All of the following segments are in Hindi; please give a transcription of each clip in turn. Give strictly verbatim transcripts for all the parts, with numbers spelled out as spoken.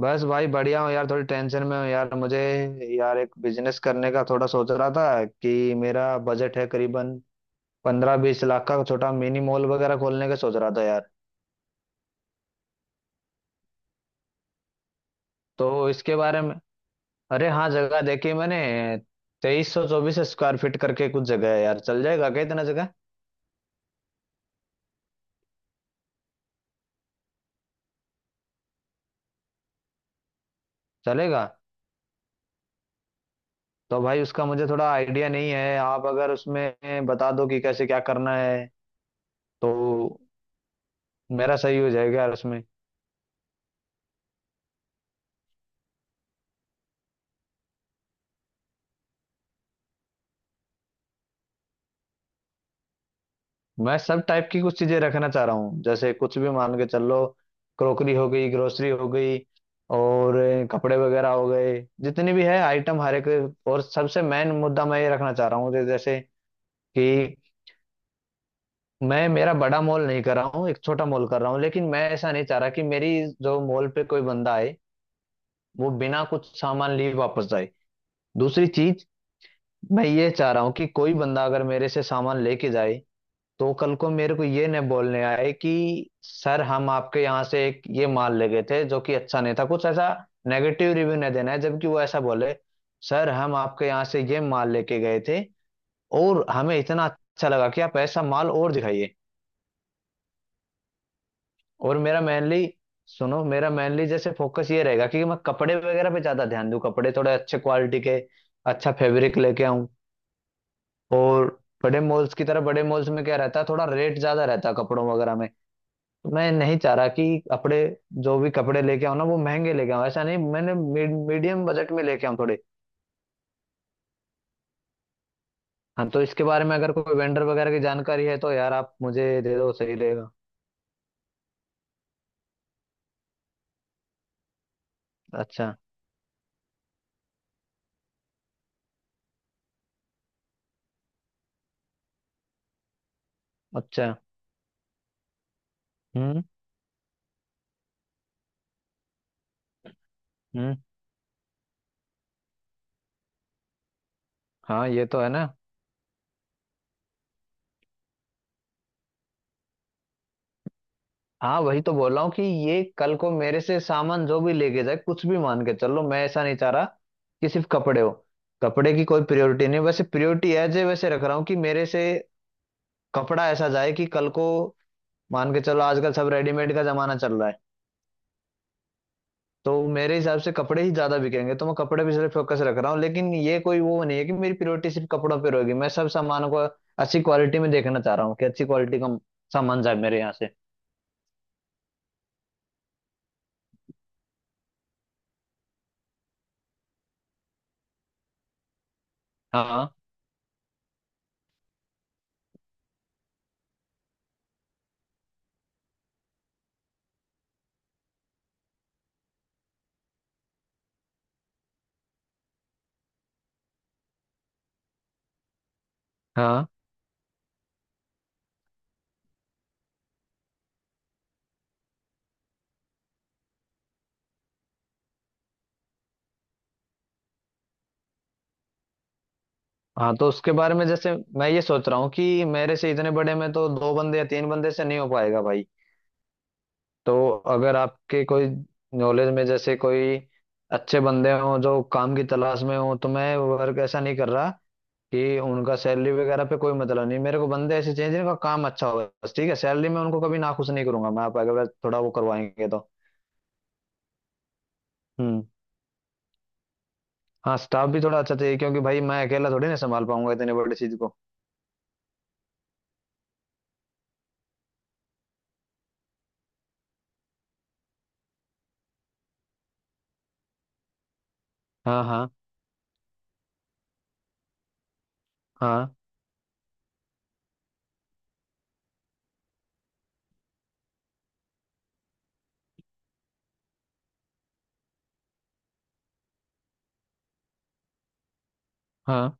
बस भाई बढ़िया हूँ यार। थोड़ी टेंशन में हूँ यार मुझे। यार एक बिजनेस करने का थोड़ा सोच रहा था कि मेरा बजट है करीबन पंद्रह बीस लाख का। छोटा मिनी मॉल वगैरह खोलने का सोच रहा था यार। तो इसके बारे में। अरे हाँ, जगह देखी मैंने। तेईस सौ चौबीस स्क्वायर फीट करके कुछ जगह है यार। चल जाएगा क्या इतना जगह? चलेगा। तो भाई उसका मुझे थोड़ा आइडिया नहीं है। आप अगर उसमें बता दो कि कैसे क्या करना है तो मेरा सही हो जाएगा यार उसमें। मैं सब टाइप की कुछ चीजें रखना चाह रहा हूँ। जैसे कुछ भी मान के चल लो, क्रोकरी हो गई, ग्रोसरी हो गई और अ, कपड़े वगैरह हो गए, जितनी भी है आइटम हर एक। और सबसे मेन मुद्दा मैं ये रखना चाह रहा हूँ, जै- जैसे कि मैं, मेरा बड़ा मॉल नहीं कर रहा हूँ, एक छोटा मॉल कर रहा हूँ, लेकिन मैं ऐसा नहीं चाह रहा कि मेरी जो मॉल पे कोई बंदा आए वो बिना कुछ सामान लिए वापस जाए। दूसरी चीज, मैं ये चाह रहा हूँ कि कोई बंदा अगर मेरे से सामान लेके जाए, तो कल को मेरे को ये नहीं बोलने आए कि सर हम आपके यहाँ से एक ये माल ले गए थे जो कि अच्छा नहीं था, कुछ ऐसा नेगेटिव रिव्यू नहीं देना है। जबकि वो ऐसा बोले, सर हम आपके यहाँ से ये माल लेके गए थे और हमें इतना अच्छा लगा कि आप ऐसा माल और दिखाइए। और मेरा मेनली, सुनो, मेरा मेनली जैसे फोकस ये रहेगा कि मैं कपड़े वगैरह पे ज्यादा ध्यान दूं, कपड़े थोड़े अच्छे क्वालिटी के, अच्छा फैब्रिक लेके आऊं। और बड़े मॉल्स की तरह, बड़े मॉल्स में क्या रहता है, थोड़ा रेट ज्यादा रहता है कपड़ों वगैरह में। मैं नहीं चाह रहा कि कपड़े, जो भी कपड़े लेके आऊं ना वो महंगे लेके आऊं, ऐसा नहीं। मैंने मीडियम बजट में लेके आऊं थोड़े। हाँ, तो इसके बारे में अगर कोई वेंडर वगैरह की जानकारी है तो यार आप मुझे दे दो, सही रहेगा। अच्छा अच्छा। हम्म हम्म। हाँ, ये तो है ना। हाँ, वही तो बोल रहा हूँ कि ये कल को मेरे से सामान जो भी लेके जाए, कुछ भी मान के चलो, मैं ऐसा नहीं चाह रहा कि सिर्फ कपड़े हो। कपड़े की कोई प्रायोरिटी नहीं, वैसे प्रायोरिटी एज ए वैसे रख रहा हूँ कि मेरे से कपड़ा ऐसा जाए कि कल को, मान के चलो आजकल सब रेडीमेड का जमाना चल रहा है, तो मेरे हिसाब से कपड़े ही ज्यादा बिकेंगे, तो मैं कपड़े पे सिर्फ फोकस रख रहा हूँ, लेकिन ये कोई वो नहीं है कि मेरी प्रायोरिटी सिर्फ कपड़ों पे रहेगी। मैं सब सामान को अच्छी क्वालिटी में देखना चाह रहा हूँ, कि अच्छी क्वालिटी का सामान जाए मेरे यहाँ से। हाँ हाँ। हाँ, तो उसके बारे में जैसे मैं ये सोच रहा हूँ कि मेरे से इतने बड़े में तो दो बंदे या तीन बंदे से नहीं हो पाएगा भाई। तो अगर आपके कोई नॉलेज में जैसे कोई अच्छे बंदे हों जो काम की तलाश में हों, तो मैं वर्क ऐसा नहीं कर रहा कि उनका सैलरी वगैरह पे कोई मतलब नहीं। मेरे को बंदे ऐसे चाहिए जिनका काम अच्छा हो बस, ठीक है। सैलरी में उनको कभी नाखुश नहीं करूंगा मैं, आप अगर थोड़ा वो करवाएंगे तो। हम्म। हाँ, स्टाफ भी थोड़ा अच्छा चाहिए क्योंकि भाई मैं अकेला थोड़ी ना संभाल पाऊंगा इतनी बड़ी चीज को। हाँ हाँ। हाँ हाँ।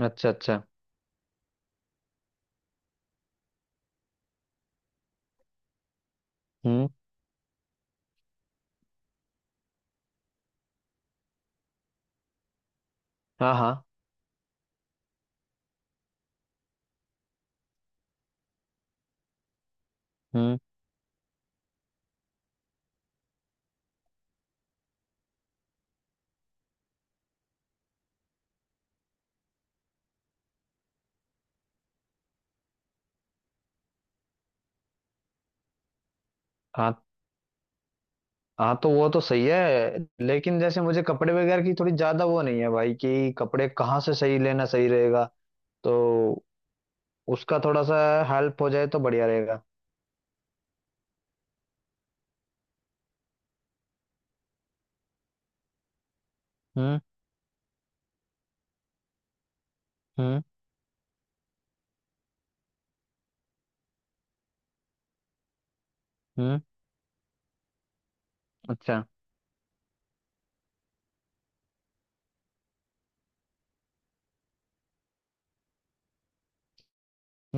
अच्छा अच्छा। हम्म। हाँ हाँ। हम्म। हाँ। हाँ, तो वो तो सही है, लेकिन जैसे मुझे कपड़े वगैरह की थोड़ी ज्यादा वो नहीं है भाई, कि कपड़े कहाँ से सही लेना सही रहेगा। तो उसका थोड़ा सा हेल्प हो जाए तो बढ़िया रहेगा। हम्म। हम्म। हम्म। अच्छा।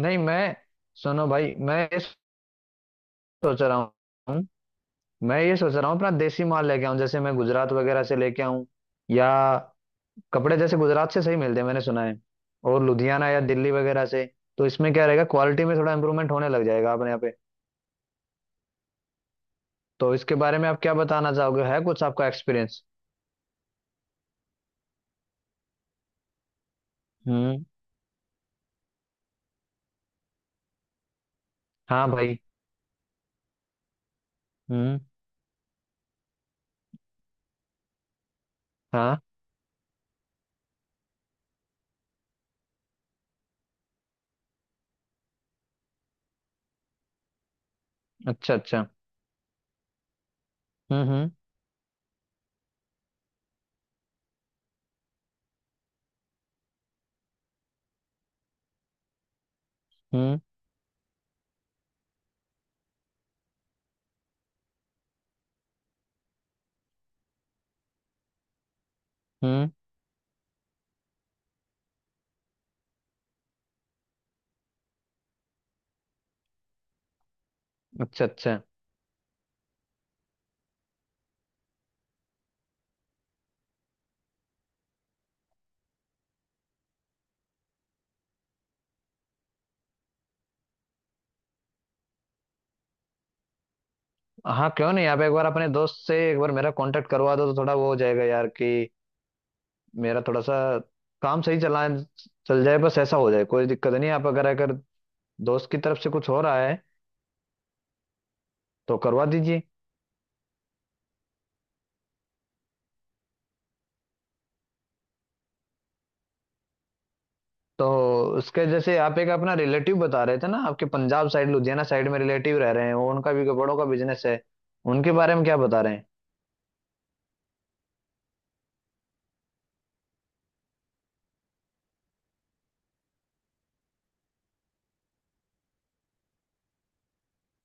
नहीं मैं, सुनो भाई, मैं ये सोच रहा हूँ, मैं ये सोच रहा हूँ अपना देसी माल लेके आऊँ, जैसे मैं गुजरात वगैरह से लेके आऊँ, या कपड़े जैसे गुजरात से सही मिलते हैं मैंने सुना है। और लुधियाना या दिल्ली वगैरह से। तो इसमें क्या रहेगा, क्वालिटी में थोड़ा इम्प्रूवमेंट होने लग जाएगा अपने यहाँ पे। तो इसके बारे में आप क्या बताना चाहोगे, है कुछ आपका एक्सपीरियंस? हम्म। हाँ भाई। हम्म। हाँ। अच्छा अच्छा। हम्म हम्म। हम्म हम्म। अच्छा अच्छा। हाँ क्यों नहीं, आप एक बार अपने दोस्त से एक बार मेरा कांटेक्ट करवा दो तो थोड़ा वो हो जाएगा यार, कि मेरा थोड़ा सा काम सही चला, चल जाए बस, ऐसा हो जाए, कोई दिक्कत नहीं। आप अगर अगर दोस्त की तरफ से कुछ हो रहा है तो करवा दीजिए। तो उसके जैसे आप एक अपना रिलेटिव बता रहे थे ना, आपके पंजाब साइड लुधियाना साइड में रिलेटिव रह रहे हैं वो, उनका भी कपड़ों का बिजनेस है, उनके बारे में क्या बता रहे हैं?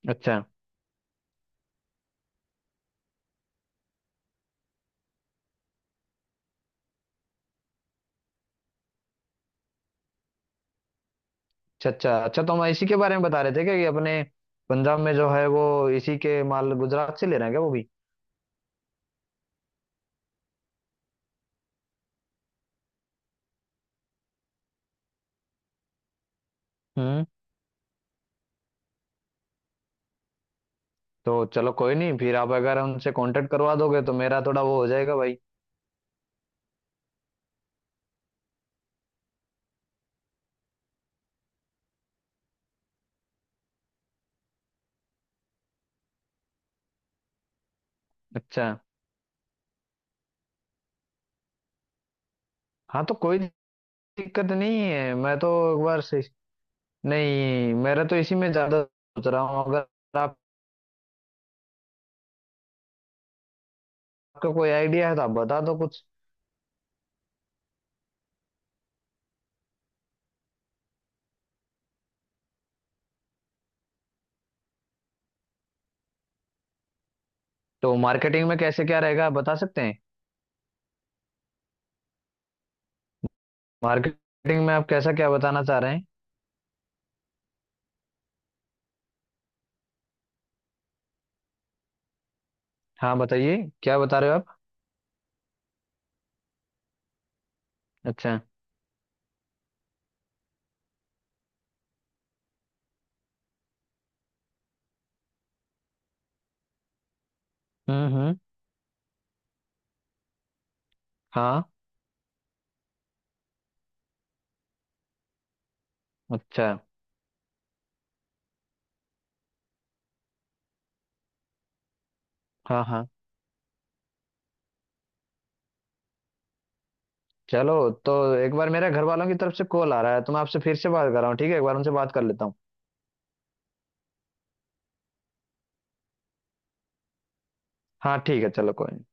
अच्छा। अच्छा अच्छा अच्छा। तो हम इसी के बारे में बता रहे थे क्या, कि अपने पंजाब में जो है वो इसी के माल गुजरात से ले रहे हैं क्या वो भी? हम्म। तो चलो कोई नहीं, फिर आप अगर उनसे कांटेक्ट करवा दोगे तो मेरा थोड़ा वो हो जाएगा भाई। अच्छा। हाँ, तो कोई दिक्कत नहीं है। मैं तो एक बार से, नहीं, मेरा तो इसी में ज्यादा सोच रहा हूँ। अगर आपका कोई आइडिया है तो आप बता दो कुछ। तो मार्केटिंग में कैसे क्या रहेगा, आप बता सकते हैं? मार्केटिंग में आप कैसा क्या बताना चाह रहे हैं? हाँ बताइए, क्या बता रहे हो आप? अच्छा। हम्म हम्म। हाँ। अच्छा। हाँ हाँ। चलो। तो एक बार मेरे घर वालों की तरफ से कॉल आ रहा है, तो मैं आपसे फिर से बात कर रहा हूँ। ठीक है, एक बार उनसे बात कर लेता हूँ। हाँ ठीक है चलो कोई नहीं।